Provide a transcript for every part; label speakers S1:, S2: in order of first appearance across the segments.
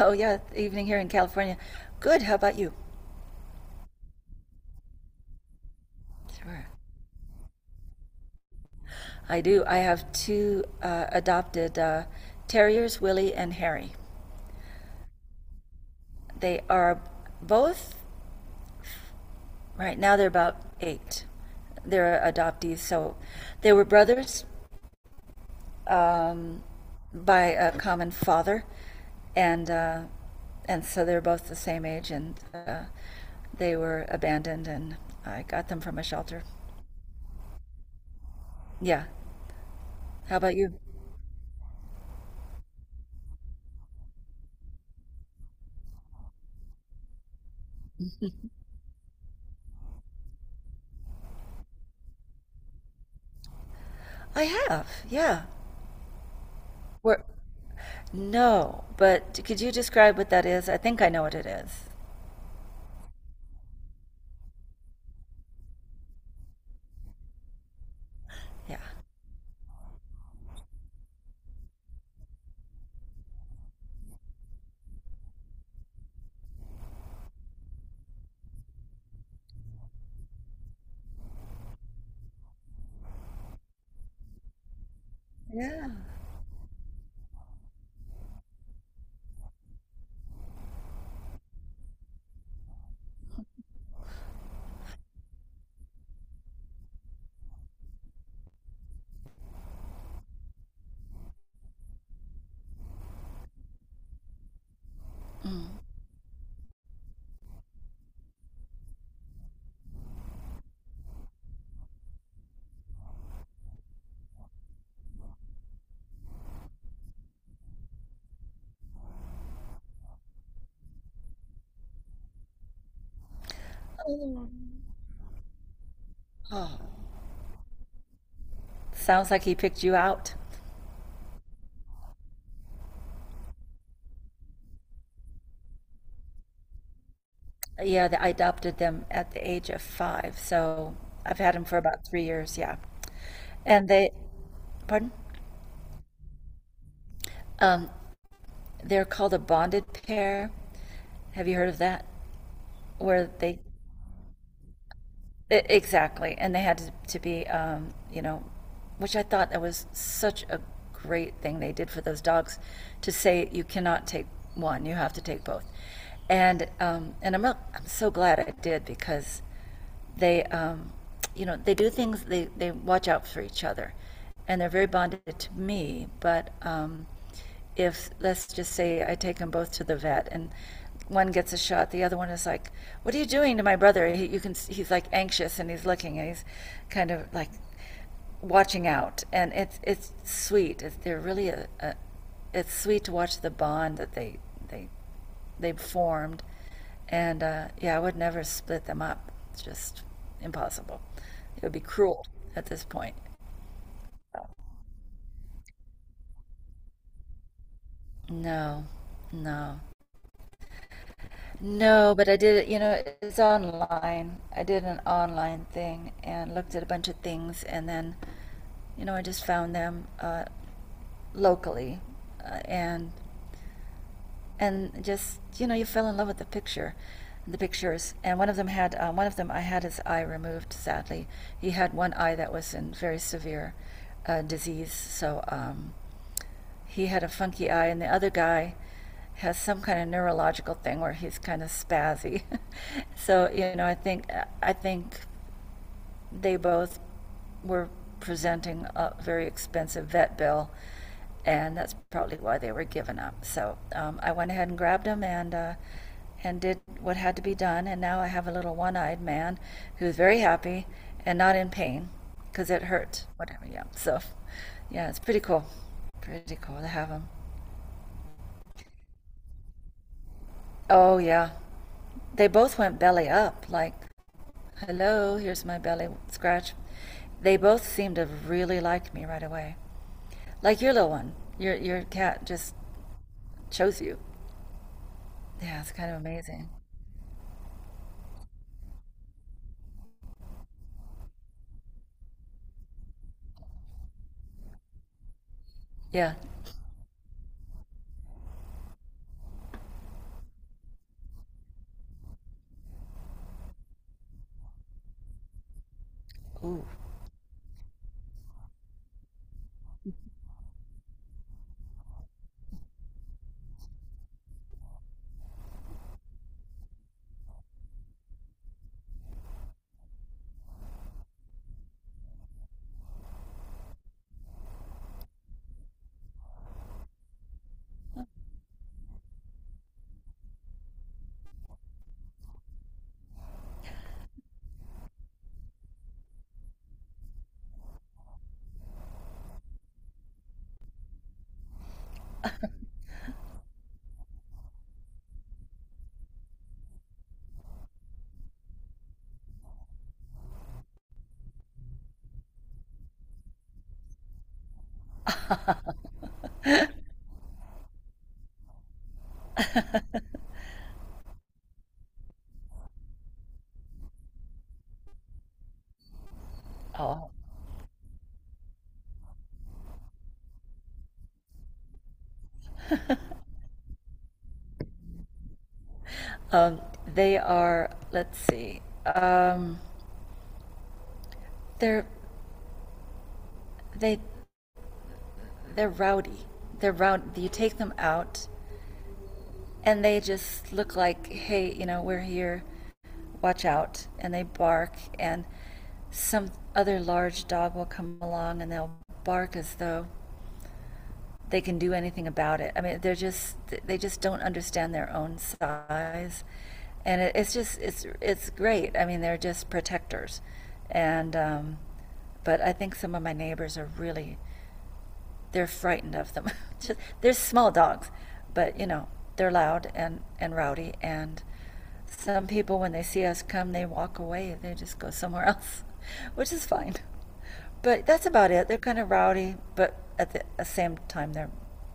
S1: Oh, yeah, evening here in California. Good. How about you? Sure. I do. I have two adopted terriers, Willie and Harry. They are both, right now, they're about 8. They're adoptees. So they were brothers by a common father. And, uh, and so they're both the same age. And They were abandoned, and I got them from a shelter. Yeah. How about you? I have. Yeah. Where, No, but could you describe what that is? I think I know what it is. Yeah. Yeah. Oh. Oh. Sounds like he picked you out. Yeah, I adopted them at the age of 5, so I've had them for about 3 years. Yeah, and they, pardon, um, they're called a bonded pair. Have you heard of that? Where they Exactly, and they had to be, which I thought that was such a great thing they did for those dogs, to say you cannot take one, you have to take both, and I'm so glad I did because they, um, they do things they watch out for each other, and they're very bonded to me, but if let's just say I take them both to the vet and one gets a shot, the other one is like, "What are you doing to my brother?" He, you can he's like anxious, and he's looking, and he's kind of like watching out, and it's sweet. It's, they're really a, It's sweet to watch the bond that they they formed. And Yeah, I would never split them up. It's just impossible. It would be cruel at this point. No, no. No, but I did it. It's online. I did an online thing and looked at a bunch of things, and then, I just found them locally. Uh, and and just you fell in love with the pictures. And one of them, I had his eye removed, sadly. He had one eye that was in very severe disease. So he had a funky eye, and the other guy has some kind of neurological thing where he's kind of spazzy. so you know i think I think they both were presenting a very expensive vet bill, and that's probably why they were given up. So I went ahead and grabbed them, and did what had to be done. And now I have a little one-eyed man who's very happy and not in pain because it hurt. Whatever, yeah. So yeah, it's pretty cool. Pretty cool to have them. Oh yeah, they both went belly up. Like, hello, here's my belly scratch. They both seemed to really like me right away. Like your little one. Your cat just chose you. Yeah, it's kind of amazing. Yeah. Ooh. Oh, wow. Um, they are. Let's see. They're they they're rowdy. They're rowdy. You take them out, and they just look like, hey, we're here. Watch out. And they bark, and some other large dog will come along, and they'll bark as though they can do anything about it. I mean, they just don't understand their own size, and it's great. I mean, they're just protectors, and but I think some of my neighbors are really they're frightened of them. Just, they're small dogs, but they're loud and rowdy, and some people, when they see us come, they walk away. They just go somewhere else, which is fine. But that's about it. They're kind of rowdy, but at the same time,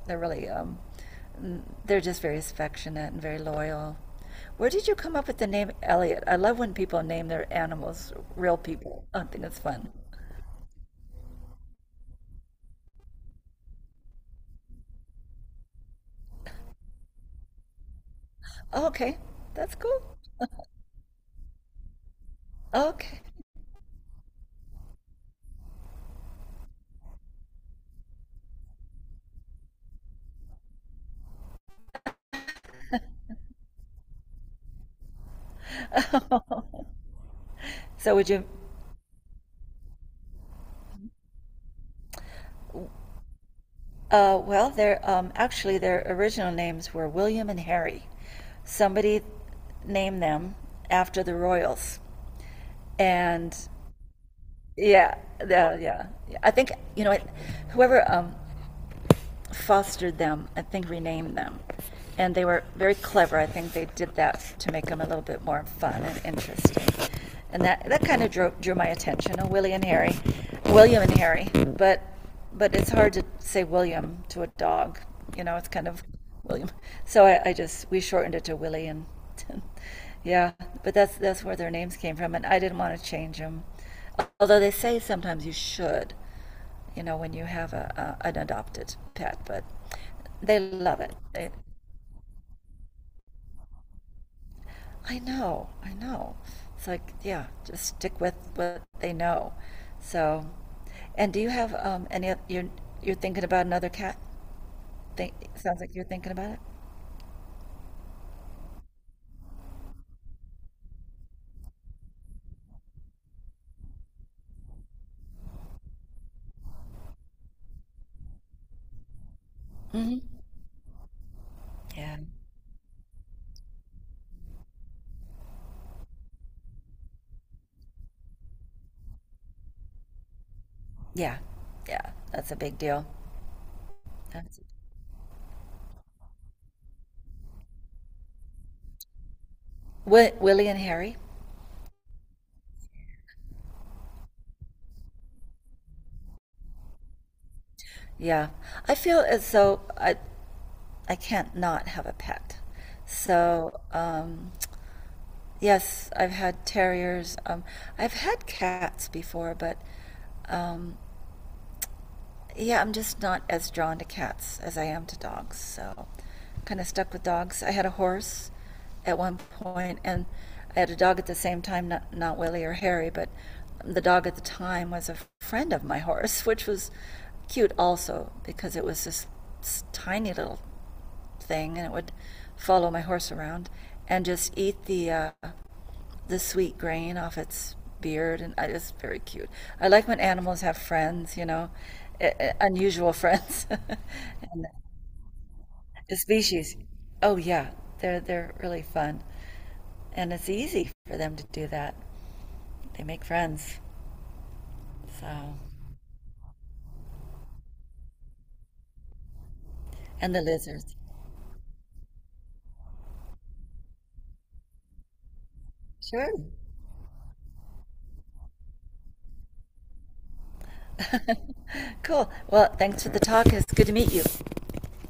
S1: they're really um, they're just very affectionate and very loyal. Where did you come up with the name Elliot? I love when people name their animals real people. I think it's fun. Oh, okay, that's cool. Okay. So would you Well, their actually their original names were William and Harry. Somebody named them after the royals, and yeah, yeah. I think whoever fostered them, I think renamed them. And they were very clever. I think they did that to make them a little bit more fun and interesting. And that kind of drew my attention. Oh, Willie and Harry, William and Harry. But but it's hard to say William to a dog. It's kind of William. So I just we shortened it to Willie, and and yeah. But that's where their names came from, and I didn't want to change them. Although they say sometimes you should, when you have a an adopted pet, but they love it. I know, I know. It's like, yeah, just stick with what they know. So, and do you have any? You're thinking about another cat? Think sounds like you're thinking about it. Hmm. Yeah, yeah, yeah. That's a big deal. That's Willie and Harry. Yeah, I feel as though I can't not have a pet. So, yes, I've had terriers. I've had cats before, but um, yeah, I'm just not as drawn to cats as I am to dogs. So, kind of stuck with dogs. I had a horse at one point, and I had a dog at the same time. Not Willie or Harry, but the dog at the time was a friend of my horse, which was cute also because it was this tiny little thing, and it would follow my horse around and just eat the sweet grain off its beard, and it's very cute. I like when animals have friends, unusual friends. The species. Oh yeah, they're really fun, and it's easy for them to do that. They make friends. So, and the lizards. Sure. Cool. Well, thanks for the talk. It's good to meet you.